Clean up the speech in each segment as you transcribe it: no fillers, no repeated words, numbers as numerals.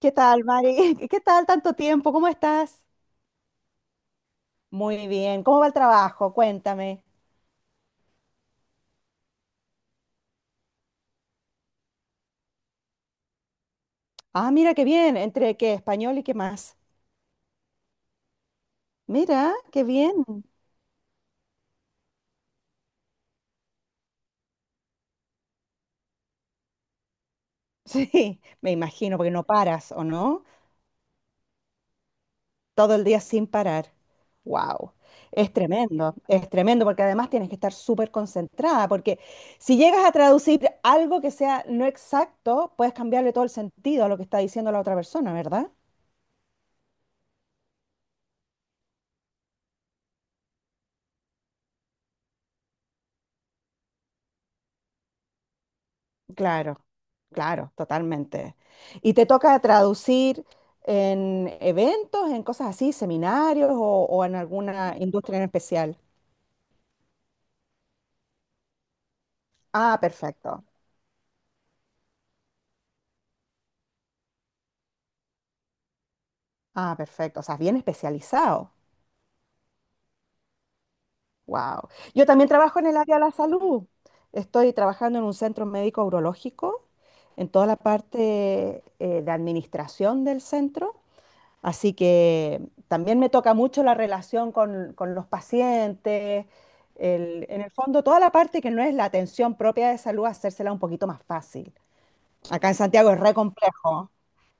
¿Qué tal, Mari? ¿Qué tal tanto tiempo? ¿Cómo estás? Muy bien. ¿Cómo va el trabajo? Cuéntame. Ah, mira qué bien. ¿Entre qué? ¿Español y qué más? Mira, qué bien. Sí, me imagino, porque no paras, ¿o no? Todo el día sin parar. Wow. Es tremendo, porque además tienes que estar súper concentrada, porque si llegas a traducir algo que sea no exacto, puedes cambiarle todo el sentido a lo que está diciendo la otra persona, ¿verdad? Claro, claro, totalmente. ¿Y te toca traducir en eventos, en cosas así, seminarios o en alguna industria en especial? Ah, perfecto. Ah, perfecto. O sea, bien especializado. Wow. Yo también trabajo en el área de la salud. Estoy trabajando en un centro médico urológico, en toda la parte de administración del centro. Así que también me toca mucho la relación con los pacientes, en el fondo toda la parte que no es la atención propia de salud, hacérsela un poquito más fácil. Acá en Santiago es re complejo.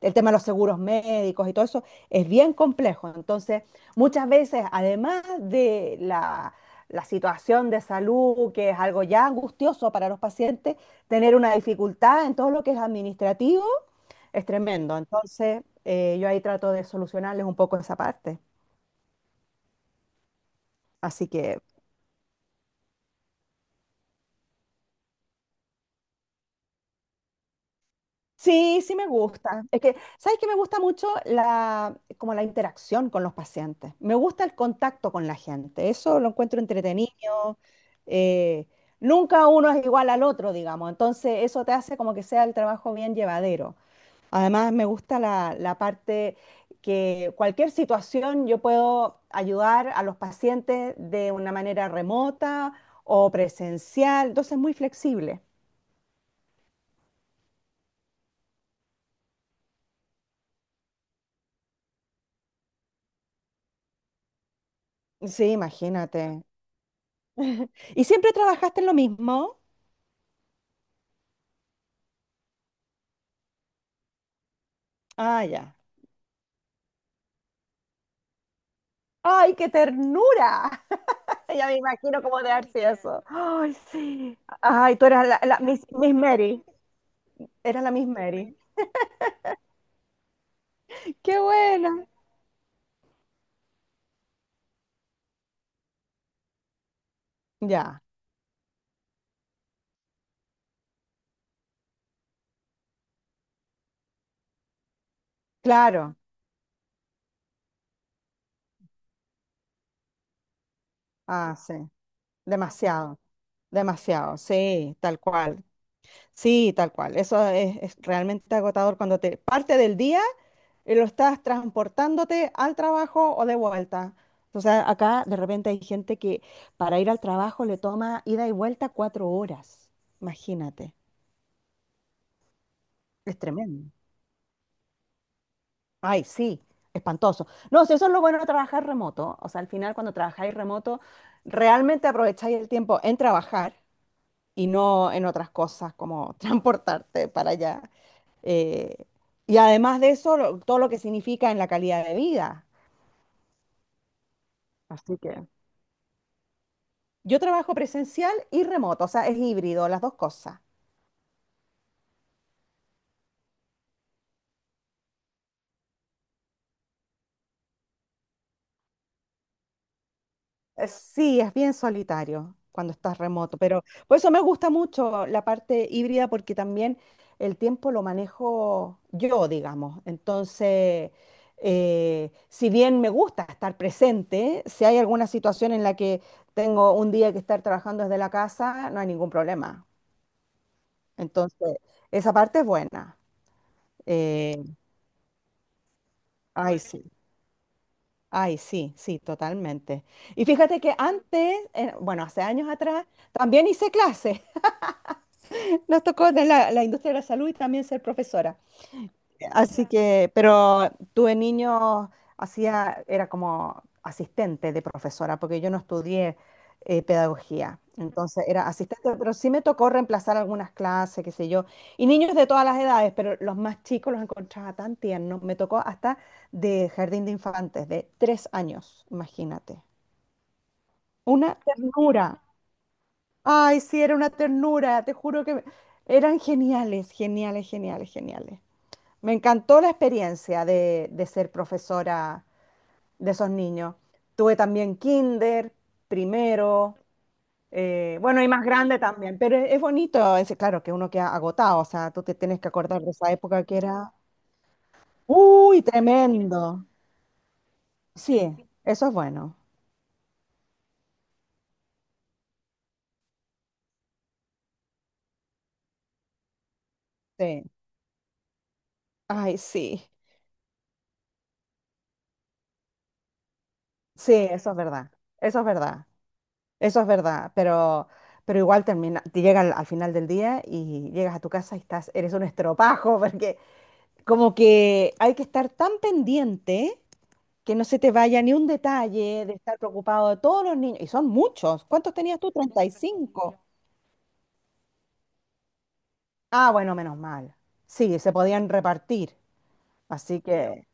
El tema de los seguros médicos y todo eso es bien complejo. Entonces, muchas veces, además de la situación de salud, que es algo ya angustioso para los pacientes, tener una dificultad en todo lo que es administrativo es tremendo. Entonces, yo ahí trato de solucionarles un poco esa parte. Así que sí, sí me gusta. Es que, ¿sabes qué? Me gusta mucho como la interacción con los pacientes. Me gusta el contacto con la gente. Eso lo encuentro entretenido. Eh, nunca uno es igual al otro, digamos. Entonces, eso te hace como que sea el trabajo bien llevadero. Además, me gusta la parte que cualquier situación yo puedo ayudar a los pacientes de una manera remota o presencial. Entonces, muy flexible. Sí, imagínate. ¿Y siempre trabajaste en lo mismo? Ah, ya. ¡Ay, qué ternura! Ya me imagino cómo debe haber sido eso. ¡Ay, sí! ¡Ay, tú eras la Miss, Miss Mary! Era la Miss Mary. Qué buena. Ya, claro. Ah, sí. Demasiado, demasiado. Sí, tal cual. Sí, tal cual. Eso es realmente agotador cuando te parte del día y lo estás transportándote al trabajo o de vuelta. O sea, acá de repente hay gente que para ir al trabajo le toma ida y vuelta 4 horas. Imagínate. Es tremendo. Ay, sí, espantoso. No, si eso es lo bueno de trabajar remoto. O sea, al final cuando trabajáis remoto, realmente aprovecháis el tiempo en trabajar y no en otras cosas como transportarte para allá. Eh, y además de eso, todo lo que significa en la calidad de vida. Así que yo trabajo presencial y remoto, o sea, es híbrido, las dos cosas. Sí, es bien solitario cuando estás remoto, pero por eso me gusta mucho la parte híbrida porque también el tiempo lo manejo yo, digamos. Entonces, si bien me gusta estar presente, si hay alguna situación en la que tengo un día que estar trabajando desde la casa, no hay ningún problema. Entonces, esa parte es buena. Eh, ay, sí, ay, sí, sí, totalmente. Y fíjate que antes, bueno, hace años atrás, también hice clases. Nos tocó de la industria de la salud y también ser profesora. Así que, pero tuve niños, hacía, era como asistente de profesora, porque yo no estudié pedagogía. Entonces era asistente, pero sí me tocó reemplazar algunas clases, qué sé yo. Y niños de todas las edades, pero los más chicos los encontraba tan tiernos. Me tocó hasta de jardín de infantes, de 3 años, imagínate. Una ternura, ay, sí, era una ternura, te juro que eran geniales, geniales, geniales, geniales. Me encantó la experiencia de ser profesora de esos niños. Tuve también kinder, primero, bueno, y más grande también, pero es bonito, es, claro que uno queda agotado, o sea, tú te tienes que acordar de esa época que era, uy, tremendo. Sí, eso es bueno. Sí, ay, sí, sí, eso es verdad, eso es verdad. Eso es verdad, pero igual termina, te llega al, al final del día y llegas a tu casa y estás, eres un estropajo, porque como que hay que estar tan pendiente que no se te vaya ni un detalle de estar preocupado de todos los niños, y son muchos. ¿Cuántos tenías tú? 35. Ah, bueno, menos mal. Sí, se podían repartir, así que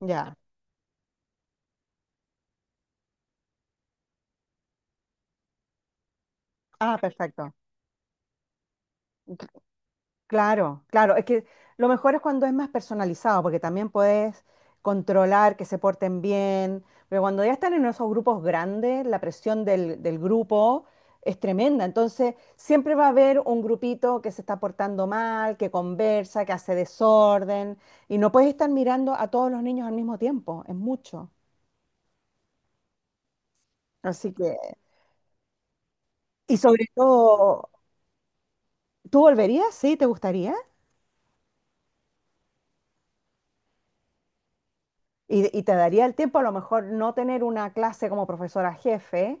ya. Ah, perfecto. Claro, claro. Es que lo mejor es cuando es más personalizado, porque también puedes controlar que se porten bien. Pero cuando ya están en esos grupos grandes, la presión del grupo es tremenda. Entonces, siempre va a haber un grupito que se está portando mal, que conversa, que hace desorden. Y no puedes estar mirando a todos los niños al mismo tiempo. Es mucho. Así que, y sobre todo, ¿tú volverías? ¿Sí? ¿Te gustaría? Y te daría el tiempo a lo mejor no tener una clase como profesora jefe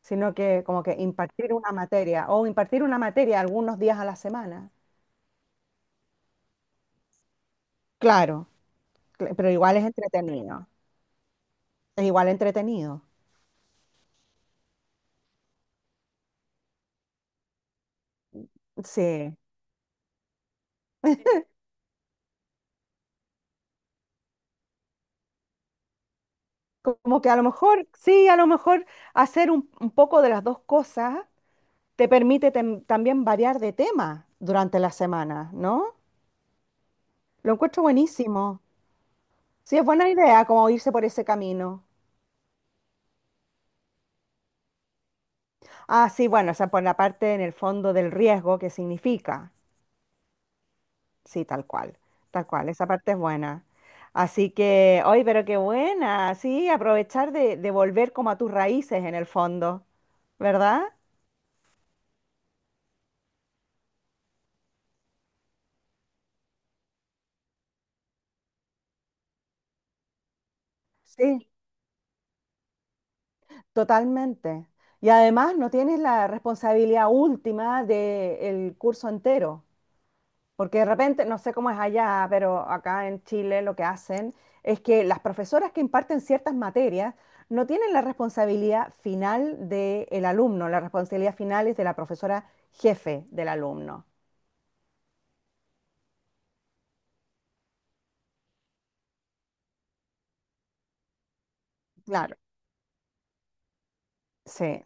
sino que como que impartir una materia o impartir una materia algunos días a la semana. Claro, pero igual es entretenido, es igual entretenido. Sí, como que a lo mejor, sí, a lo mejor hacer un poco de las dos cosas te permite también variar de tema durante la semana, ¿no? Lo encuentro buenísimo. Sí, es buena idea como irse por ese camino. Ah, sí, bueno, o sea, por la parte en el fondo del riesgo que significa. Sí, tal cual, esa parte es buena. Así que, hoy, pero qué buena, sí, aprovechar de volver como a tus raíces en el fondo, ¿verdad? Sí, totalmente. Y además no tienes la responsabilidad última del curso entero. Porque de repente, no sé cómo es allá, pero acá en Chile lo que hacen es que las profesoras que imparten ciertas materias no tienen la responsabilidad final del alumno, la responsabilidad final es de la profesora jefe del alumno. Claro. Sí.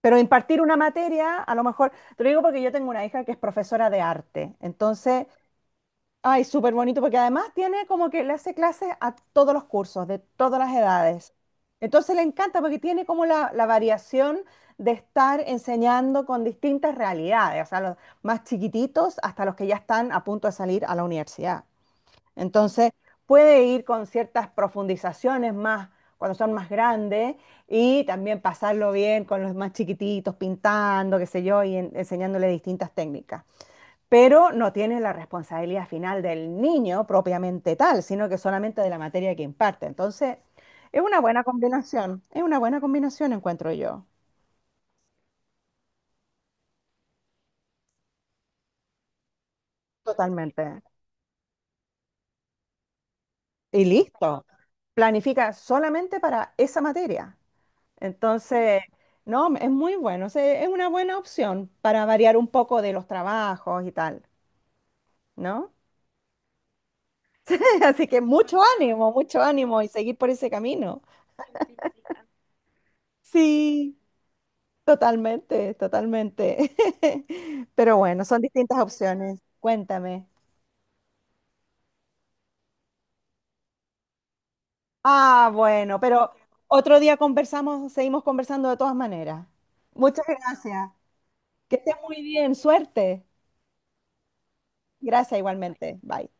Pero impartir una materia, a lo mejor, te lo digo porque yo tengo una hija que es profesora de arte. Entonces, ay, súper bonito, porque además tiene como que le hace clases a todos los cursos, de todas las edades. Entonces le encanta porque tiene como la variación de estar enseñando con distintas realidades, o sea, los más chiquititos hasta los que ya están a punto de salir a la universidad. Entonces puede ir con ciertas profundizaciones más cuando son más grandes y también pasarlo bien con los más chiquititos, pintando, qué sé yo, y enseñándole distintas técnicas, pero no tiene la responsabilidad final del niño propiamente tal, sino que solamente de la materia que imparte. Entonces, es una buena combinación, es una buena combinación, encuentro yo, totalmente. Y listo, planifica solamente para esa materia. Entonces, no, es muy bueno, o sea, es una buena opción para variar un poco de los trabajos y tal, ¿no? Así que mucho ánimo y seguir por ese camino. Sí. Totalmente, totalmente. Pero bueno, son distintas opciones. Cuéntame. Ah, bueno, pero otro día conversamos, seguimos conversando de todas maneras. Muchas gracias. Que estés muy bien. Suerte. Gracias igualmente. Bye.